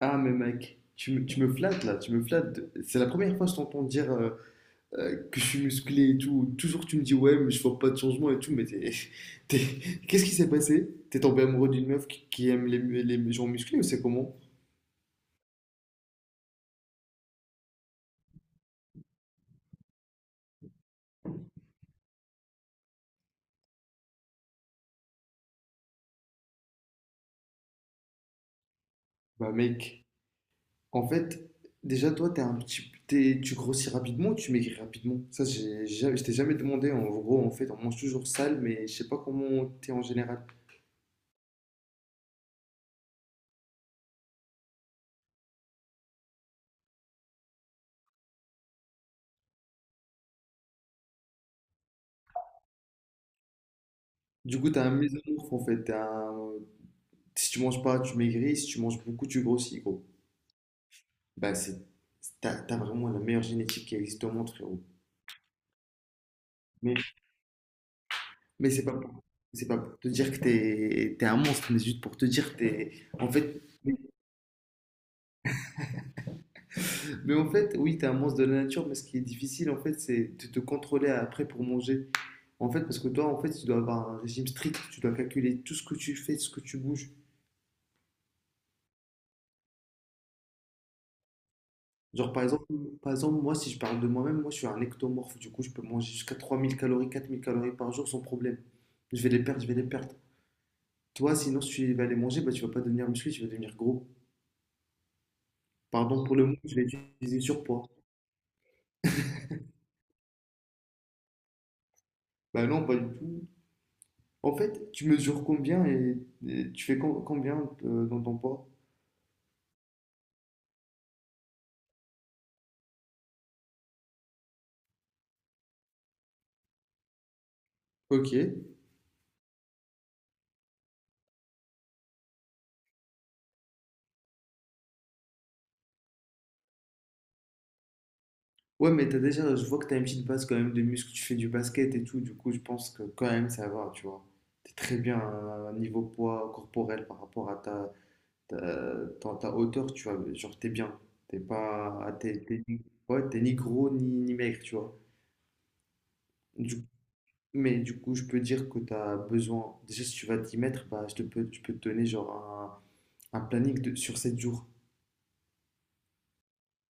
Ah, mais mec, tu me flattes là, tu me flattes. C'est la première fois que je t'entends dire que je suis musclé et tout. Toujours tu me dis ouais, mais je vois pas de changement et tout, qu'est-ce qui s'est passé? T'es tombé amoureux d'une meuf qui aime les gens musclés ou c'est comment? Bah mec, en fait, déjà toi t'es un petit, t'es- tu grossis rapidement, tu maigris rapidement. Ça, j'ai, jamais- je t'ai jamais demandé. En gros, en fait, on mange toujours sale, mais je sais pas comment t'es en général. Du coup, t'as un mésomorphe en fait, si tu manges pas, tu maigris. Si tu manges beaucoup, tu grossis, gros. Bah, c'est, t'as vraiment la meilleure génétique qui existe au monde, frérot. Mais, mais c'est pas pour te dire que t'es, t'es un monstre, mais juste pour te dire que t'es, en fait, mais en fait, oui, t'es un monstre de la nature, mais ce qui est difficile, en fait, c'est de te contrôler après pour manger. En fait, parce que toi, en fait, tu dois avoir un régime strict. Tu dois calculer tout ce que tu fais, tout ce que tu bouges. Genre, par exemple, moi, si je parle de moi-même, moi, je suis un ectomorphe. Du coup, je peux manger jusqu'à 3 000 calories, 4 000 calories par jour sans problème. Je vais les perdre, je vais les perdre. Toi, sinon, si tu vas les manger, bah, tu vas pas devenir musclé, tu vas devenir gros. Pardon pour le mot, je vais utiliser surpoids. Bah non, pas du tout. En fait, tu mesures combien et tu fais combien dans ton poids? Ok. Ouais, mais t'as déjà, je vois que t'as une petite base quand même de muscles, tu fais du basket et tout, du coup, je pense que quand même ça va, tu vois. T'es très bien à un niveau poids corporel par rapport à ta hauteur, tu vois, genre t'es bien. T'es pas. Ah, t'es ni... Ouais, t'es ni gros ni, ni maigre, tu vois. Du- Mais du coup, je peux dire que t'as besoin. Déjà, si tu vas t'y mettre, bah, je peux te donner genre un planning de, sur 7 jours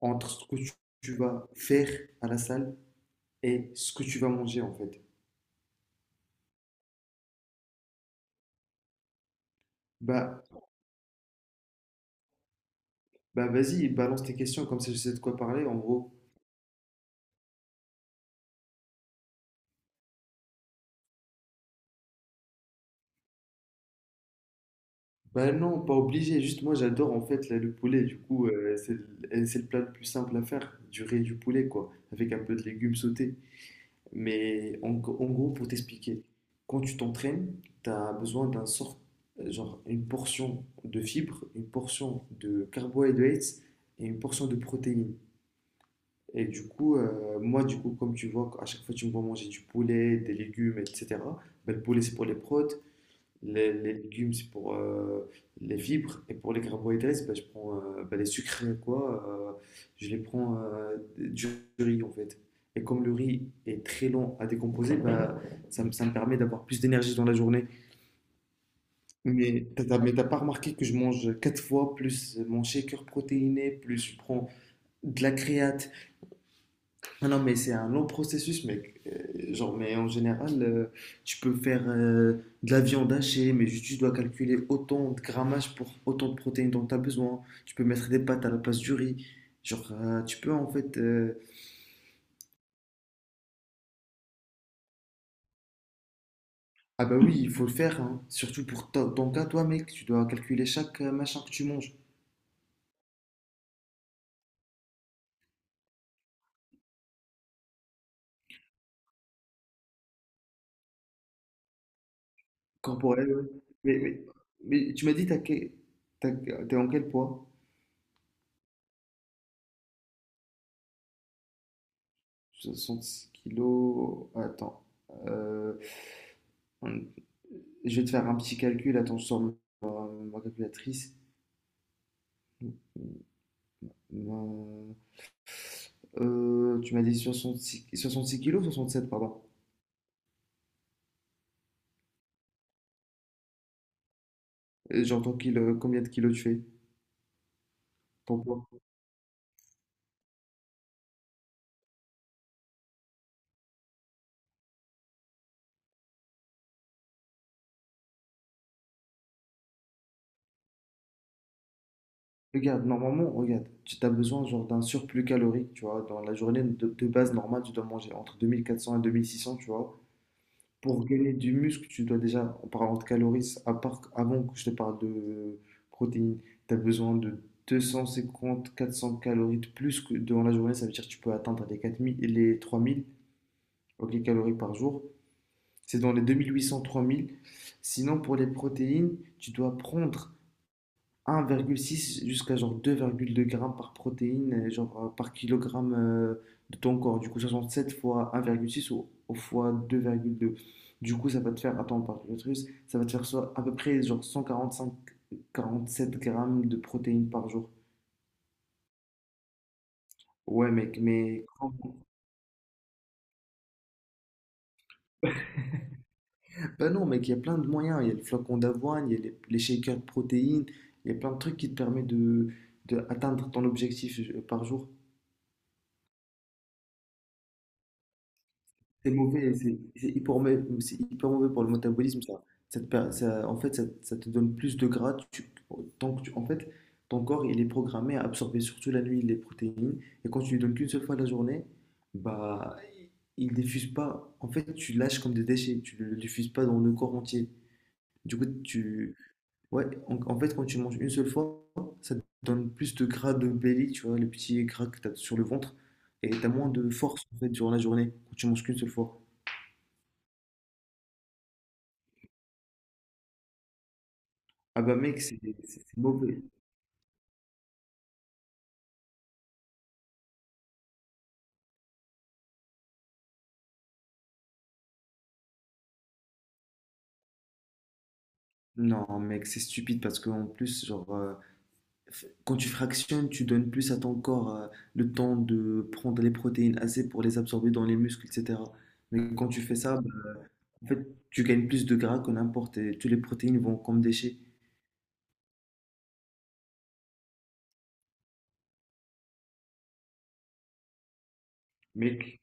entre ce que tu vas faire à la salle et ce que tu vas manger en fait. Bah, bah, vas-y, balance tes questions, comme ça je sais de quoi parler en gros. Bah non, pas obligé. Juste moi, j'adore en fait là, le poulet. Du coup, c'est le plat le plus simple à faire. Du riz et du poulet, quoi. Avec un peu de légumes sautés. Mais en gros, pour t'expliquer, quand tu t'entraînes, tu as besoin d'un sort, genre une portion de fibres, une portion de carbohydrates et une portion de protéines. Et du coup, moi, du coup, comme tu vois, à chaque fois tu me vois manger du poulet, des légumes, etc. Bah, le poulet, c'est pour les prods. Les légumes, c'est pour les fibres. Et pour les carbohydrates, bah, je prends bah, les sucres, quoi. Je les prends du riz, en fait. Et comme le riz est très long à décomposer, bah, ça me permet d'avoir plus d'énergie dans la journée. Mais mais t'as pas remarqué que je mange quatre fois plus mon shaker protéiné, plus je prends de la créate, ah non, mais c'est un long processus, mec. Genre, mais en général, tu peux faire de la viande hachée, mais juste tu dois calculer autant de grammage pour autant de protéines dont tu as besoin. Tu peux mettre des pâtes à la place du riz. Genre, tu peux en fait. Ah bah oui, il faut le faire, hein. Surtout pour ton cas, toi, mec. Tu dois calculer chaque machin que tu manges. Corporel, ouais. Mais, mais, mais tu m'as dit, t'as- t'es en quel poids? 66 kilos. Attends. Euh, Je vais te faire un petit calcul. Attends, je sors ma calculatrice. Euh, Tu m'as dit 66, 66 kilos, 67, pardon. J'entends kilo, combien de kilos tu fais, ton poids. Regarde, normalement, regarde, tu as besoin genre d'un surplus calorique, tu vois. Dans la journée de base normale, tu dois manger entre 2 400 et 2 600, tu vois. Pour gagner du muscle, tu dois déjà, en parlant de calories, à part, avant que je te parle de protéines, tu as besoin de 250-400 calories de plus que durant la journée. Ça veut dire que tu peux atteindre les 4 000, les 3 000 ok, calories par jour. C'est dans les 2 800-3 000. Sinon, pour les protéines, tu dois prendre 1,6 jusqu'à genre 2,2 grammes par protéine, genre par kilogramme de ton corps. Du coup, 67 fois 1,6 ou fois 2,2. Du coup, ça va te faire, attends, par l'utérus, ça va te faire soit à peu près genre 145, 47 grammes de protéines par jour. Ouais, mec, mais. Bah non, mec, il y a plein de moyens. Il y a le flocon d'avoine, il y a les shakers de protéines, il y a plein de trucs qui te permettent de atteindre ton objectif par jour. C'est mauvais, c'est hyper mauvais, c'est hyper mauvais pour le métabolisme, ça. En fait, ça te donne plus de gras. En fait, ton corps, il est programmé à absorber surtout la nuit les protéines. Et quand tu lui donnes qu'une seule fois la journée, bah, il diffuse pas. En fait, tu lâches comme des déchets. Tu le diffuses pas dans le corps entier. Du coup, tu, ouais, en fait, quand tu manges une seule fois, ça te donne plus de gras de belly, tu vois, le petit gras que tu as sur le ventre. Et tu as moins de force, en fait, durant la journée, quand tu manges qu'une seule fois. Ah bah mec, c'est mauvais. Non mec, c'est stupide parce qu'en plus, genre, quand tu fractionnes, tu donnes plus à ton corps le temps de prendre les protéines assez pour les absorber dans les muscles, etc. Mais quand tu fais ça, bah, en fait, tu gagnes plus de gras que n'importe et toutes les protéines vont comme déchets. Mec,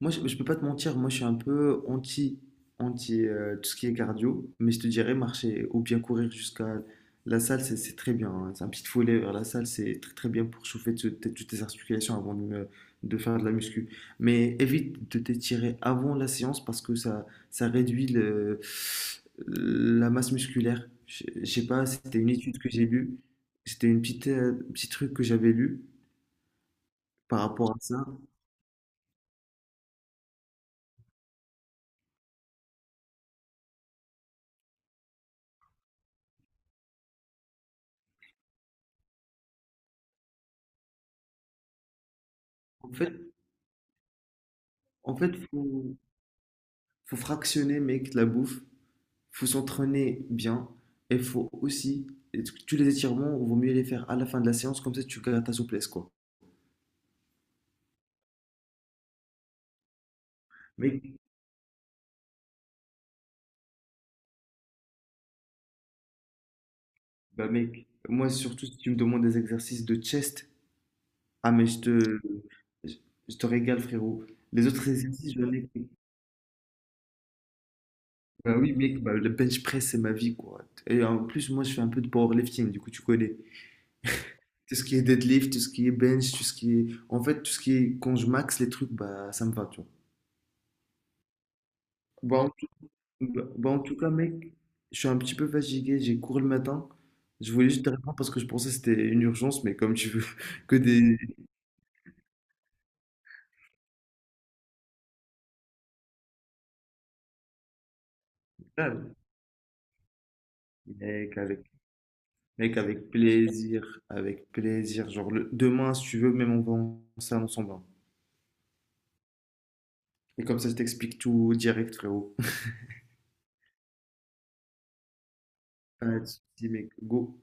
Moi, je peux pas te mentir, moi je suis un peu anti tout ce qui est cardio, mais je te dirais marcher ou bien courir jusqu'à la salle, c'est très bien, hein. C'est un petit foulée vers la salle, c'est très très bien pour chauffer toutes tes articulations avant de faire de la muscu. Mais évite de t'étirer avant la séance parce que ça réduit le, la masse musculaire. Je sais pas, c'était une étude que j'ai lue, c'était une petite petit truc que j'avais lu par rapport à ça. En fait, en fait, faut faut fractionner, mec, la bouffe. Faut s'entraîner bien. Et faut aussi, tous les étirements, vaut mieux les faire à la fin de la séance, comme ça tu gardes ta souplesse, quoi. Mec, Bah mec, moi surtout si tu me demandes des exercices de chest, ah mais je je te régale, frérot. Les autres exercices, je les... Bah oui, mec, bah, le bench press, c'est ma vie, quoi. Et en plus, moi, je fais un peu de powerlifting, du coup, tu connais. Tout ce qui est deadlift, tout ce qui est bench, tout ce qui est... En fait, tout ce qui est... Quand je max les trucs, bah, ça me va, tu vois. En tout cas, mec, je suis un petit peu fatigué, j'ai cours le matin. Je voulais juste te répondre parce que je pensais que c'était une urgence, mais comme tu veux que des... Ah, Mec, avec, mec, avec plaisir, avec plaisir. Genre, demain, si tu veux, même on va en salle ensemble, hein. Et comme ça, je t'explique tout direct, frérot. Pas de soucis, mec, go.